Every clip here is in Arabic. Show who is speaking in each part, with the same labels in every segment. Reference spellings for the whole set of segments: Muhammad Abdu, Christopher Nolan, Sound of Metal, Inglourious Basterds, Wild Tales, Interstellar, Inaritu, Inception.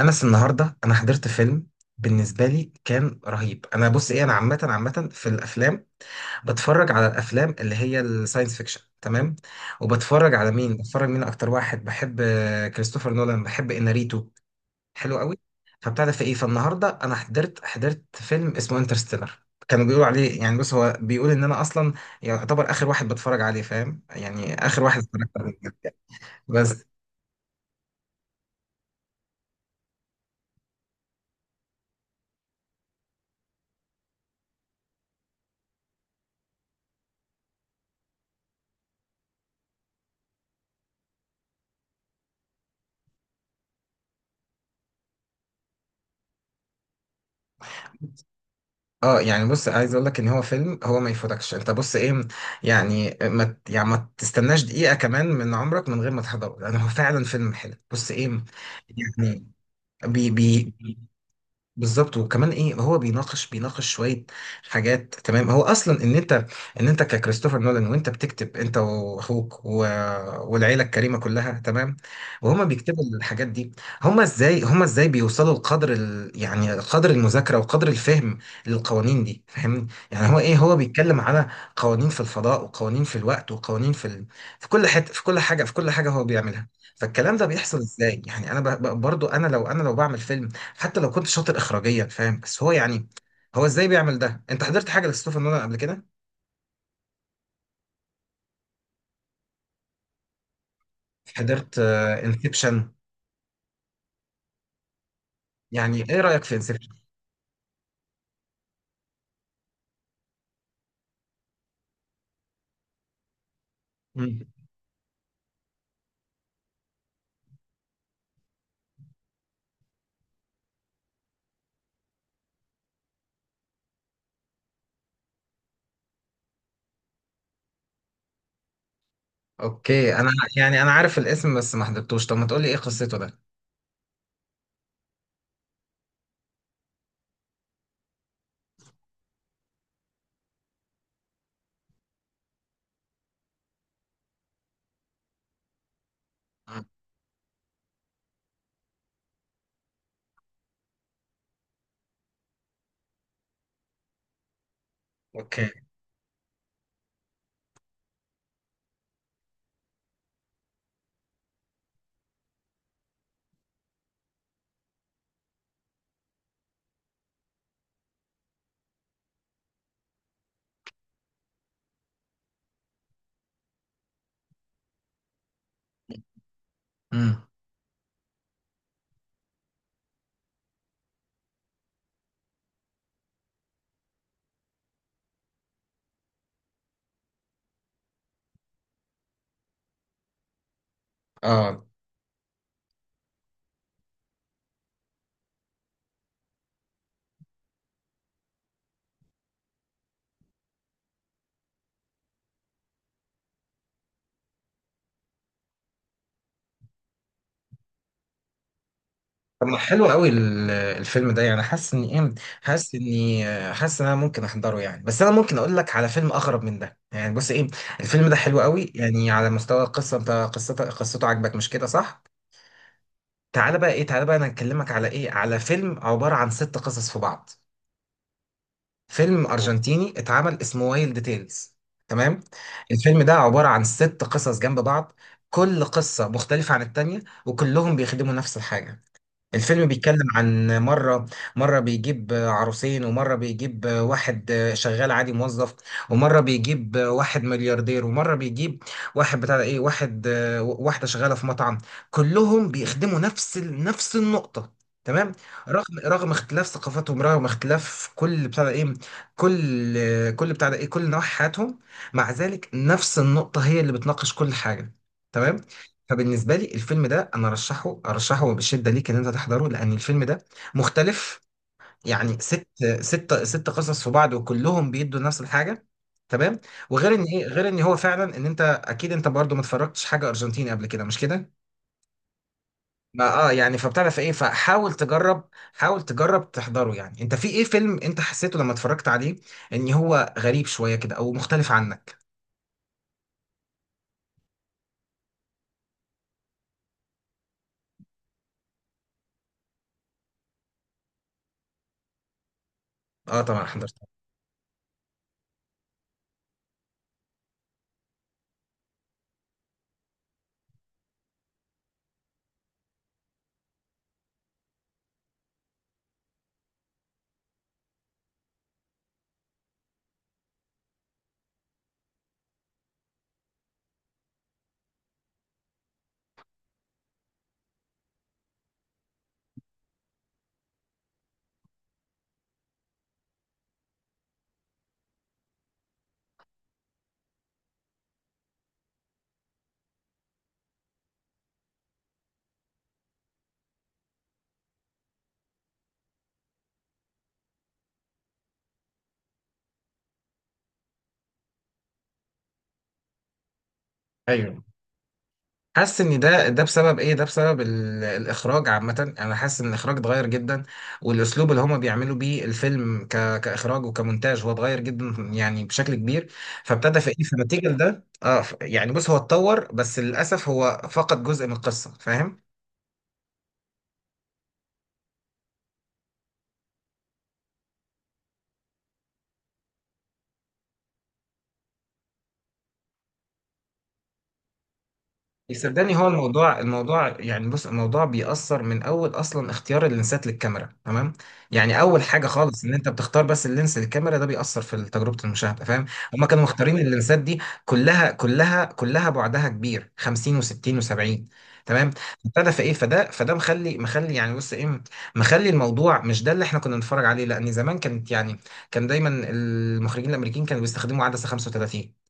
Speaker 1: انس، النهارده انا حضرت فيلم، بالنسبه لي كان رهيب. انا بص ايه، انا عامه في الافلام بتفرج على الافلام اللي هي الساينس فيكشن. تمام. وبتفرج على مين اكتر واحد بحب؟ كريستوفر نولان، بحب اناريتو، حلو قوي. فبتاع ده في ايه، فالنهارده انا حضرت فيلم اسمه انترستيلر، كانوا بيقولوا عليه يعني. بص، هو بيقول ان انا اصلا يعتبر اخر واحد بتفرج عليه، فاهم؟ يعني اخر واحد اتفرجت عليه بس. اه يعني بص، عايز اقول لك ان هو فيلم، هو ما يفوتكش انت. بص ايه، يعني ما ت- يعني ما تستناش دقيقة كمان من عمرك من غير ما تحضره، لان هو فعلا فيلم حلو. بص ايه، يعني بي بالظبط. وكمان ايه، هو بيناقش شويه حاجات. تمام؟ هو اصلا ان انت، ان انت ككريستوفر نولان وانت بتكتب انت واخوك و... والعيله الكريمه كلها، تمام؟ وهما بيكتبوا الحاجات دي، هما ازاي بيوصلوا لقدر ال... يعني قدر المذاكره وقدر الفهم للقوانين دي؟ فاهمني؟ يعني هو ايه، هو بيتكلم على قوانين في الفضاء وقوانين في الوقت وقوانين في ال... في كل حته، في كل حاجه، في كل حاجه هو بيعملها. فالكلام ده بيحصل ازاي يعني؟ انا برضو انا لو بعمل فيلم حتى لو كنت شاطر اخراجيا، فاهم؟ بس هو يعني، هو ازاي بيعمل ده؟ انت حضرت حاجه لكريستوفر نولان قبل كده؟ حضرت انسبشن. يعني ايه رايك في انسبشن؟ اوكي انا، يعني انا عارف الاسم بس ما حضرتوش. طب ما تقول لي ايه قصته ده. مم. اوكي امم. اه طب، ما حلو قوي الفيلم ده. يعني حاسس اني ايه، حاسس اني آه، حاسس ان انا ممكن احضره يعني. بس انا ممكن اقول لك على فيلم اغرب من ده يعني. بص ايه، الفيلم ده حلو قوي يعني على مستوى القصه. انت قصته، قصته عجبك مش كده صح؟ تعالى بقى ايه، تعالى بقى انا هكلمك على ايه، على فيلم عبارة عن ست قصص في بعض. فيلم ارجنتيني اتعمل، اسمه وايلد تيلز. تمام. الفيلم ده عبارة عن ست قصص جنب بعض، كل قصة مختلفة عن التانية، وكلهم بيخدموا نفس الحاجة. الفيلم بيتكلم عن مرة، مرة بيجيب عروسين، ومرة بيجيب واحد شغال عادي موظف، ومرة بيجيب واحد ملياردير، ومرة بيجيب واحد بتاع ده ايه، واحد، واحدة شغالة في مطعم. كلهم بيخدموا نفس النقطة، تمام؟ رغم اختلاف ثقافاتهم، رغم اختلاف كل بتاع ده ايه، كل بتاع ده ايه، كل نواحي حياتهم، مع ذلك نفس النقطة هي اللي بتناقش كل حاجة. تمام؟ فبالنسبة لي الفيلم ده أنا أرشحه بشدة ليك إن أنت تحضره، لأن الفيلم ده مختلف. يعني ست قصص في بعض وكلهم بيدوا نفس الحاجة، تمام؟ وغير إن إيه، غير إن هو فعلا إن أنت أكيد أنت برضو ما اتفرجتش حاجة أرجنتيني قبل كده، مش كده؟ ما أه يعني فبتعرف إيه، فحاول تجرب، حاول تجرب تحضره يعني. أنت في إيه، فيلم أنت حسيته لما اتفرجت عليه إن هو غريب شوية كده أو مختلف عنك؟ أه طبعا حضرته. ايوه، حاسس ان ده بسبب ايه، ده بسبب الاخراج عامه. انا حاسس ان الاخراج اتغير جدا، والاسلوب اللي هما بيعملوا بيه الفيلم ك... كاخراج وكمونتاج هو اتغير جدا يعني بشكل كبير. فابتدى في ايه، فنتيجه لده اه يعني بص، هو اتطور، بس للاسف هو فقد جزء من القصه، فاهم؟ صدقني هو الموضوع، الموضوع يعني، بص الموضوع بيأثر من أول، أصلا اختيار اللينسات للكاميرا، تمام؟ يعني أول حاجة خالص إن أنت بتختار بس اللينس للكاميرا ده بيأثر في تجربة المشاهدة، فاهم؟ هما كانوا مختارين اللينسات دي كلها بعدها كبير، 50 و60 و70، تمام؟ ابتدى في ايه، فده مخلي يعني بص ايه، مخلي الموضوع مش ده اللي احنا كنا بنتفرج عليه، لان زمان كانت يعني، كان دايما المخرجين الامريكيين كانوا بيستخدموا عدسه 35.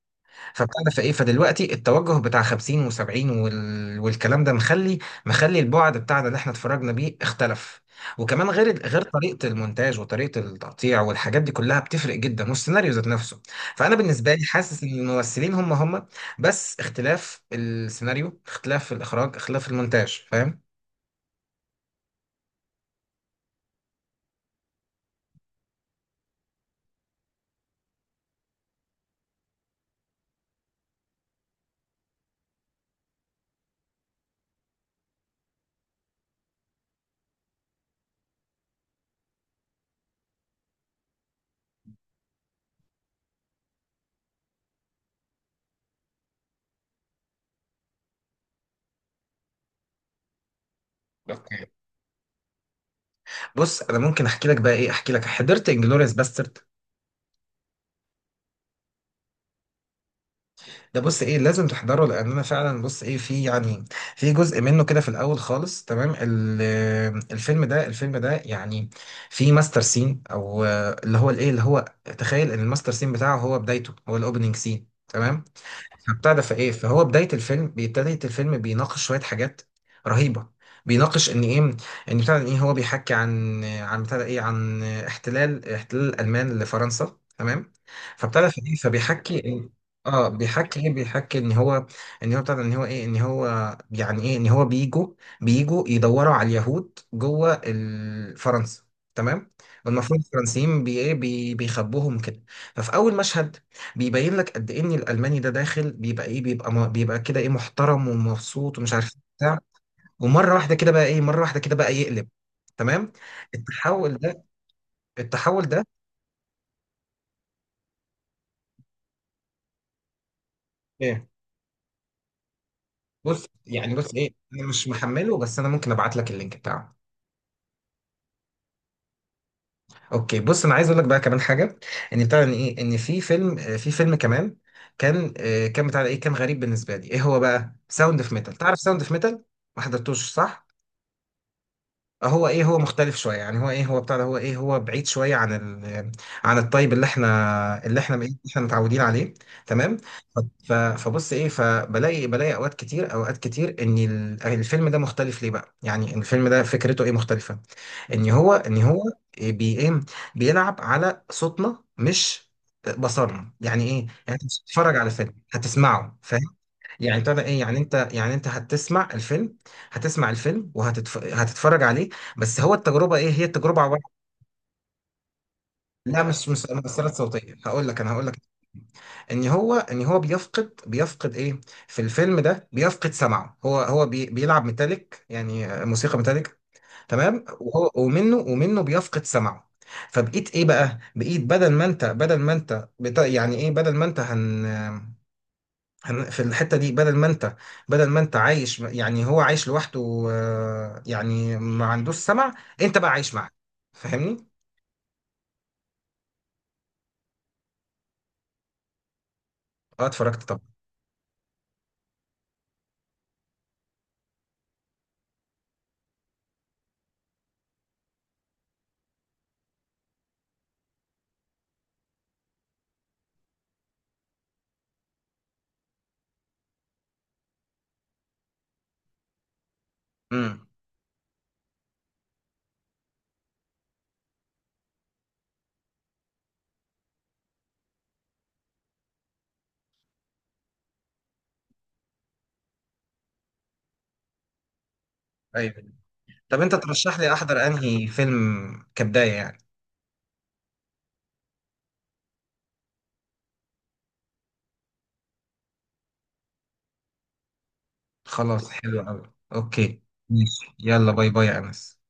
Speaker 1: فبتعرف ايه، فدلوقتي التوجه بتاع 50 و70 وال... والكلام ده مخلي، مخلي البعد بتاعنا اللي احنا اتفرجنا بيه اختلف. وكمان غير غير طريقه المونتاج وطريقه التقطيع والحاجات دي كلها بتفرق جدا، والسيناريو ذات نفسه. فانا بالنسبه لي حاسس ان الممثلين هم بس اختلاف السيناريو، اختلاف الاخراج، اختلاف المونتاج، فاهم؟ اوكي. بص انا ممكن احكي لك بقى ايه، احكي لك حضرت انجلوريوس باسترد؟ ده بص ايه، لازم تحضره. لان انا فعلا بص ايه، في يعني، في جزء منه كده في الاول خالص. تمام، الفيلم ده، الفيلم ده يعني، في ماستر سين او اللي هو الايه اللي هو، تخيل ان الماستر سين بتاعه هو بدايته، هو الاوبننج سين، تمام؟ فبتاع ده فايه، فهو بدايه الفيلم، بدايه الفيلم بيناقش شويه حاجات رهيبه. بيناقش ان ايه، ان بتاع ده ايه، هو بيحكي عن، عن بتاع ده ايه، عن احتلال، احتلال الالمان لفرنسا، تمام؟ فبتاع ده فايه، اه بيحكي ايه، بيحكي ان هو، ان هو بتاع ده، ان هو ايه، ان هو يعني ايه، ان هو بيجوا، بيجوا يدوروا على اليهود جوه فرنسا، تمام. والمفروض الفرنسيين بي ايه بيخبوهم كده. ففي اول مشهد بيبين لك قد ايه ان الالماني ده داخل بيبقى ايه، بيبقى بيبقى كده ايه، محترم ومبسوط ومش عارف إيه بتاع. ومره واحده كده بقى ايه، مره واحده كده بقى يقلب. تمام، التحول ده، التحول ده ايه. بص يعني بص ايه، انا مش محمله، بس انا ممكن ابعت لك اللينك بتاعه. اوكي. بص انا عايز اقول لك بقى كمان حاجه، ان بتاع ان ايه، ان في فيلم في فيلم كمان كان كان بتاع ايه، كان غريب بالنسبه لي. ايه هو بقى؟ ساوند اوف ميتال، تعرف ساوند اوف ميتال؟ ما حضرتوش صح؟ هو ايه، هو مختلف شويه يعني. هو ايه، هو بتاع ده، هو ايه، هو بعيد شويه عن ال، عن الطيب اللي احنا اللي احنا، اللي احنا متعودين عليه، تمام؟ فبص ايه، فبلاقي، بلاقي اوقات كتير، اوقات كتير ان الفيلم ده مختلف ليه بقى يعني. الفيلم ده فكرته ايه مختلفه، ان هو، ان هو إيه بي ايه، بيلعب على صوتنا مش بصرنا. يعني ايه يعني، انت مش بتتفرج على فيلم، هتسمعه. يعني ابتدى ايه يعني، انت يعني، انت هتسمع الفيلم. هتسمع الفيلم هتتفرج عليه. بس هو التجربه ايه، هي التجربه عباره عن، لا مش مؤثرات صوتيه. هقول لك انا، هقول لك ان هو، ان هو بيفقد ايه، في الفيلم ده بيفقد سمعه. هو هو بي بيلعب ميتاليك يعني موسيقى ميتاليك، تمام؟ وهو ومنه، ومنه بيفقد سمعه. فبقيت ايه بقى، بقيت بدل ما انت، بدل ما انت بتا يعني ايه، بدل ما انت هن في الحتة دي بدل ما انت، بدل ما انت عايش يعني، هو عايش لوحده يعني ما عندوش سمع، انت بقى عايش معاه، فاهمني؟ اه، اتفرجت طبعا. امم. ايوه. طب انت ترشح لي احضر انهي فيلم كبداية يعني؟ خلاص حلو قوي. اوكي. ماشي يلا، باي باي يا انس.